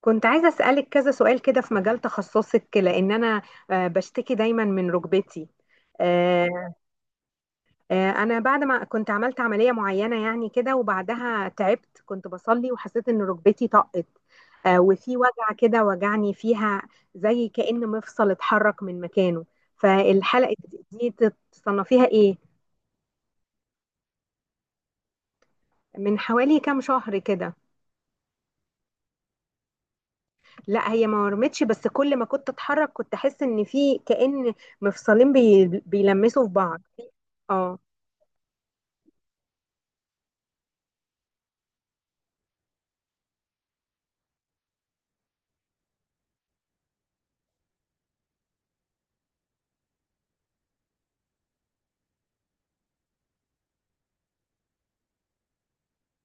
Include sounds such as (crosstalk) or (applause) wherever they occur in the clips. كنت عايزة أسألك كذا سؤال كده في مجال تخصصك، لأن أنا بشتكي دايما من ركبتي. آه، أنا بعد ما كنت عملت عملية معينة يعني كده، وبعدها تعبت، كنت بصلي وحسيت إن ركبتي طقت، وفي وجع كده وجعني فيها، زي كأن مفصل اتحرك من مكانه. فالحلقة دي تصنفيها إيه؟ من حوالي كام شهر كده. لا، هي ما ورمتش، بس كل ما كنت اتحرك كنت احس ان في كأن مفصلين بيلمسوا في بعض. اه.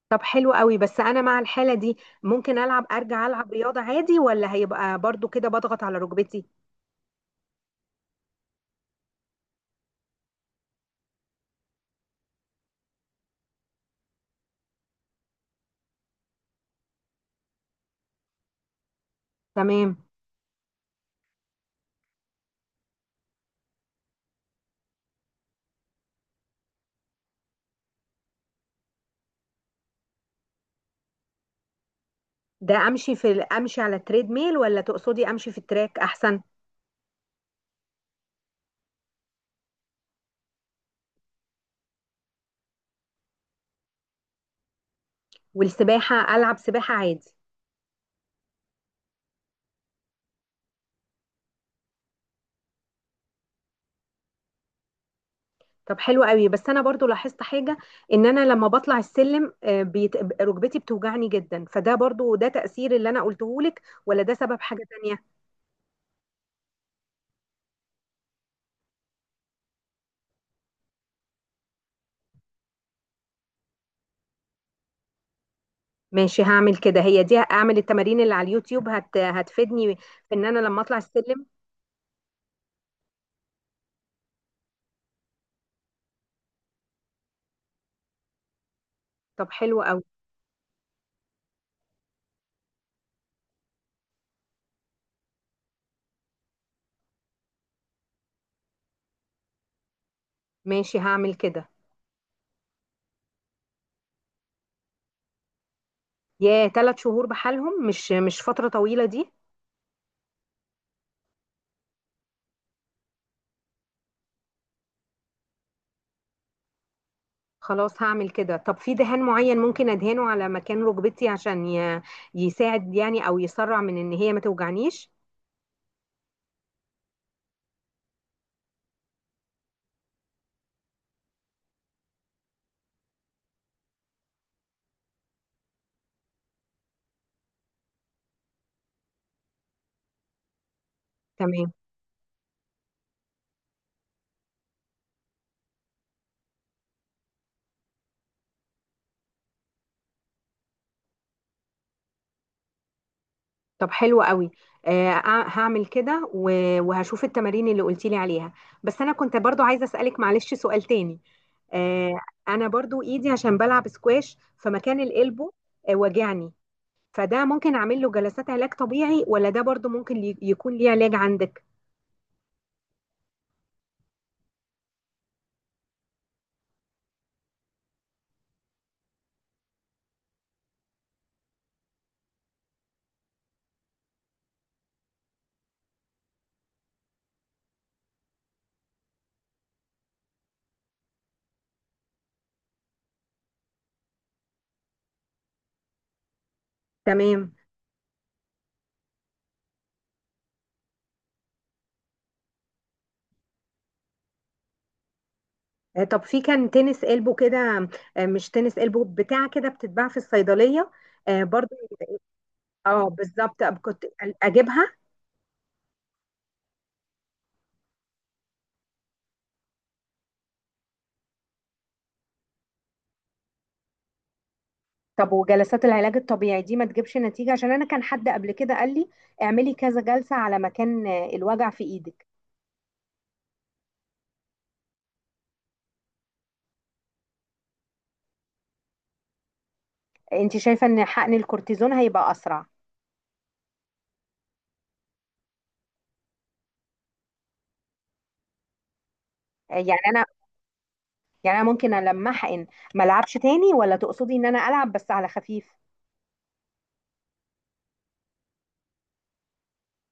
طب حلو قوي، بس انا مع الحالة دي ممكن العب، ارجع العب رياضة عادي ولا هيبقى برضو كده بضغط على ركبتي؟ تمام. ده امشي في امشي على التريد ميل، ولا تقصدي امشي في التراك احسن؟ والسباحة، العب سباحة عادي؟ طب حلو قوي، بس انا برضو لاحظت حاجه، ان انا لما بطلع السلم ركبتي بتوجعني جدا. فده برضو، ده تاثير اللي انا قلته لك ولا ده سبب حاجه تانية؟ ماشي، هعمل كده. هي دي، اعمل التمارين اللي على اليوتيوب هتفيدني في ان انا لما اطلع السلم؟ طب حلو قوي. ماشي هعمل كده. يا ثلاث شهور بحالهم؟ مش فتره طويله دي؟ خلاص هعمل كده. طب في دهان معين ممكن ادهنه على مكان ركبتي عشان يساعد يعني، او يسرع من ان هي ما توجعنيش؟ تمام. طب حلو قوي. آه أع- هعمل كده، وهشوف التمارين اللي قلتي لي عليها. بس انا كنت برضو عايزه اسالك، معلش، سؤال تاني. آه. انا برضو ايدي، عشان بلعب سكواش، فمكان القلبه وجعني. فده ممكن اعمل له جلسات علاج طبيعي ولا ده برضو ممكن يكون ليه علاج عندك؟ تمام. آه طب في كان تنس قلبه كده، آه مش تنس قلبه بتاع كده بتتباع في الصيدليه، آه برضو؟ اه، بالظبط، كنت اجيبها. طب وجلسات العلاج الطبيعي دي ما تجيبش نتيجة؟ عشان انا كان حد قبل كده قال لي اعملي كذا جلسة على مكان الوجع في ايدك. انت شايفة ان حقن الكورتيزون هيبقى اسرع؟ آه، يعني انا يعني انا ممكن لما احقن ما العبش تاني، ولا تقصدي ان انا العب بس على خفيف؟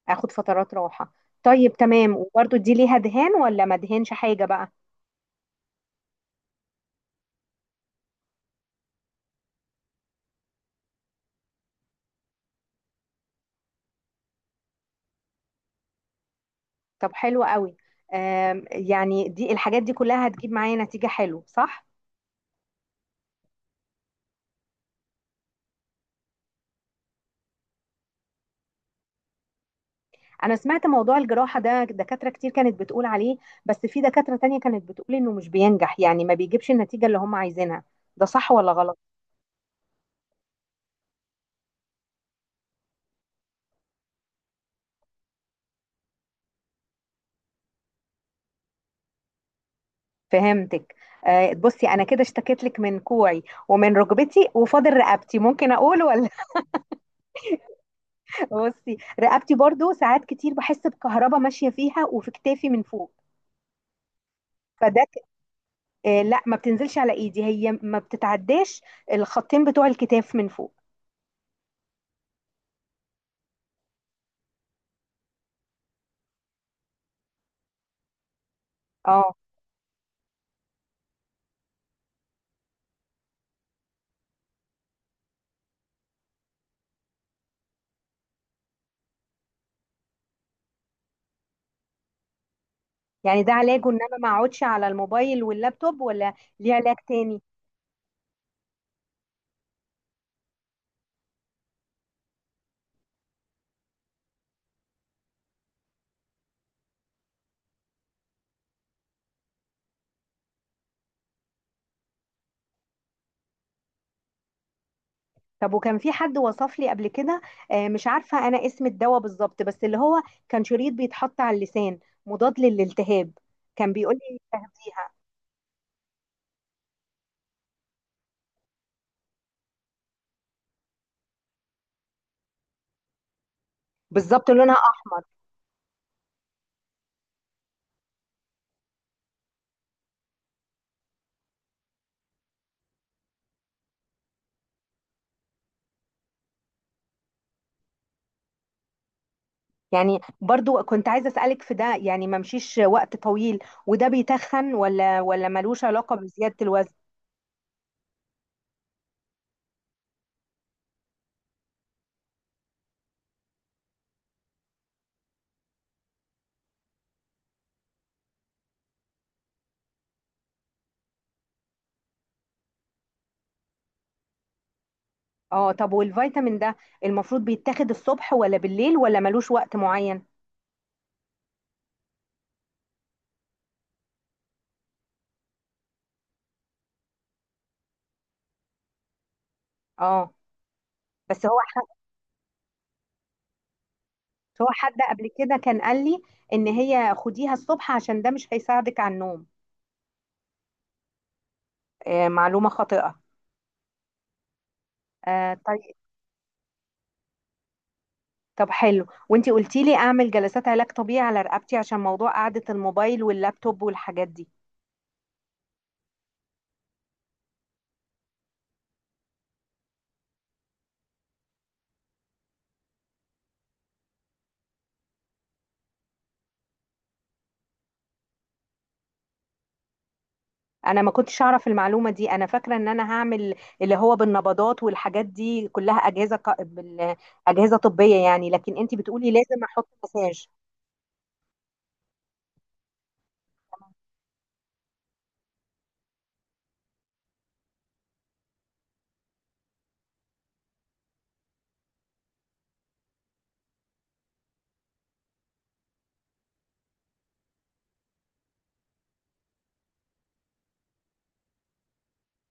اخد فترات راحة. طيب تمام. وبرده دي ليها دهان ولا ما دهنش حاجة بقى؟ طب حلو قوي. يعني دي الحاجات دي كلها هتجيب معايا نتيجة حلو صح؟ انا سمعت موضوع الجراحة ده، دكاترة كتير كانت بتقول عليه، بس في دكاترة تانية كانت بتقول انه مش بينجح، يعني ما بيجيبش النتيجة اللي هم عايزينها. ده صح ولا غلط؟ فهمتك. آه بصي، انا كده اشتكيت لك من كوعي ومن ركبتي، وفاضل رقبتي ممكن اقول ولا؟ (laughs) بصي، رقبتي برضو ساعات كتير بحس بكهرباء ماشية فيها وفي كتافي من فوق. فده ك- آه لا، ما بتنزلش على ايدي، هي ما بتتعداش الخطين بتوع الكتاف من فوق. اه. يعني ده علاجه ان انا ما اقعدش على الموبايل واللابتوب، ولا ليه علاج تاني؟ طب وكان في حد وصف لي قبل كده، مش عارفه انا اسم الدواء بالظبط، بس اللي هو كان شريط بيتحط على اللسان، مضاد للالتهاب، كان بيقول لي تاخديها. بالظبط لونها احمر. يعني برضو كنت عايزه اسالك في ده، يعني ما مشيش وقت طويل، وده بيتخن ولا ملوش علاقه بزياده الوزن؟ اه. طب والفيتامين ده المفروض بيتاخد الصبح ولا بالليل ولا ملوش وقت معين؟ اه بس هو حد قبل كده كان قال لي ان هي خديها الصبح عشان ده مش هيساعدك على النوم. آه، معلومة خاطئة. آه طيب. طب حلو، وانتي قلتي لي اعمل جلسات علاج طبيعي على رقبتي عشان موضوع قعدة الموبايل واللابتوب والحاجات دي. انا ما كنتش اعرف المعلومة دي. انا فاكرة ان انا هعمل اللي هو بالنبضات والحاجات دي كلها، اجهزة اجهزة طبية يعني، لكن انتي بتقولي لازم احط مساج؟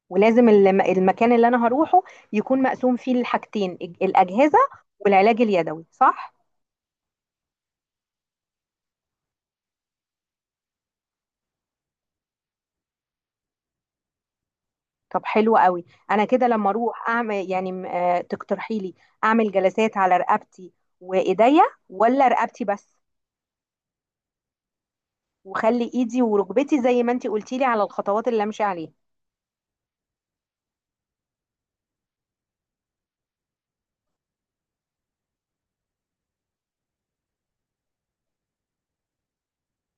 ولازم المكان اللي انا هروحه يكون مقسوم فيه الحاجتين الاجهزة والعلاج اليدوي، صح؟ طب حلو قوي. انا كده لما اروح اعمل يعني تقترحي لي اعمل جلسات على رقبتي وايديا، ولا رقبتي بس؟ وخلي ايدي وركبتي زي ما انتي قلتي لي على الخطوات اللي امشي عليها.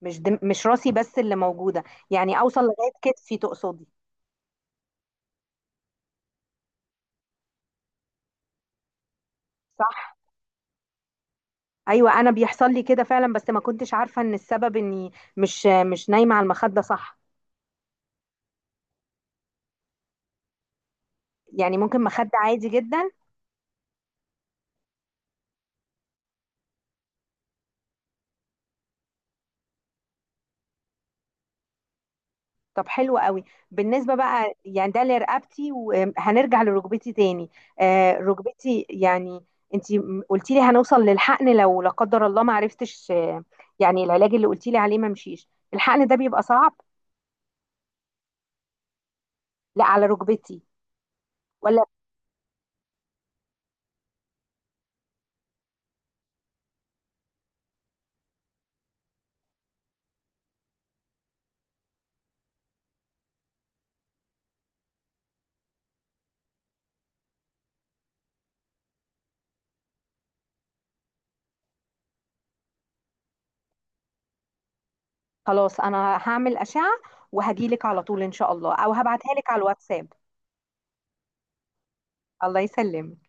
مش دم، مش راسي بس اللي موجوده، يعني اوصل لغايه كتفي تقصدي؟ صح. ايوه انا بيحصل لي كده فعلا، بس ما كنتش عارفه ان السبب اني مش نايمه على المخده، صح. يعني ممكن مخده عادي جدا؟ طب حلو قوي. بالنسبة بقى يعني ده لرقبتي، وهنرجع لركبتي تاني. آه ركبتي يعني، انتي قلتي لي هنوصل للحقن لو لا قدر الله ما عرفتش. آه، يعني العلاج اللي قلتي لي عليه ما مشيش، الحقن ده بيبقى صعب؟ لا على ركبتي. ولا. خلاص، انا هعمل أشعة وهجيلك على طول ان شاء الله، او هبعتها لك على الواتساب. الله يسلمك.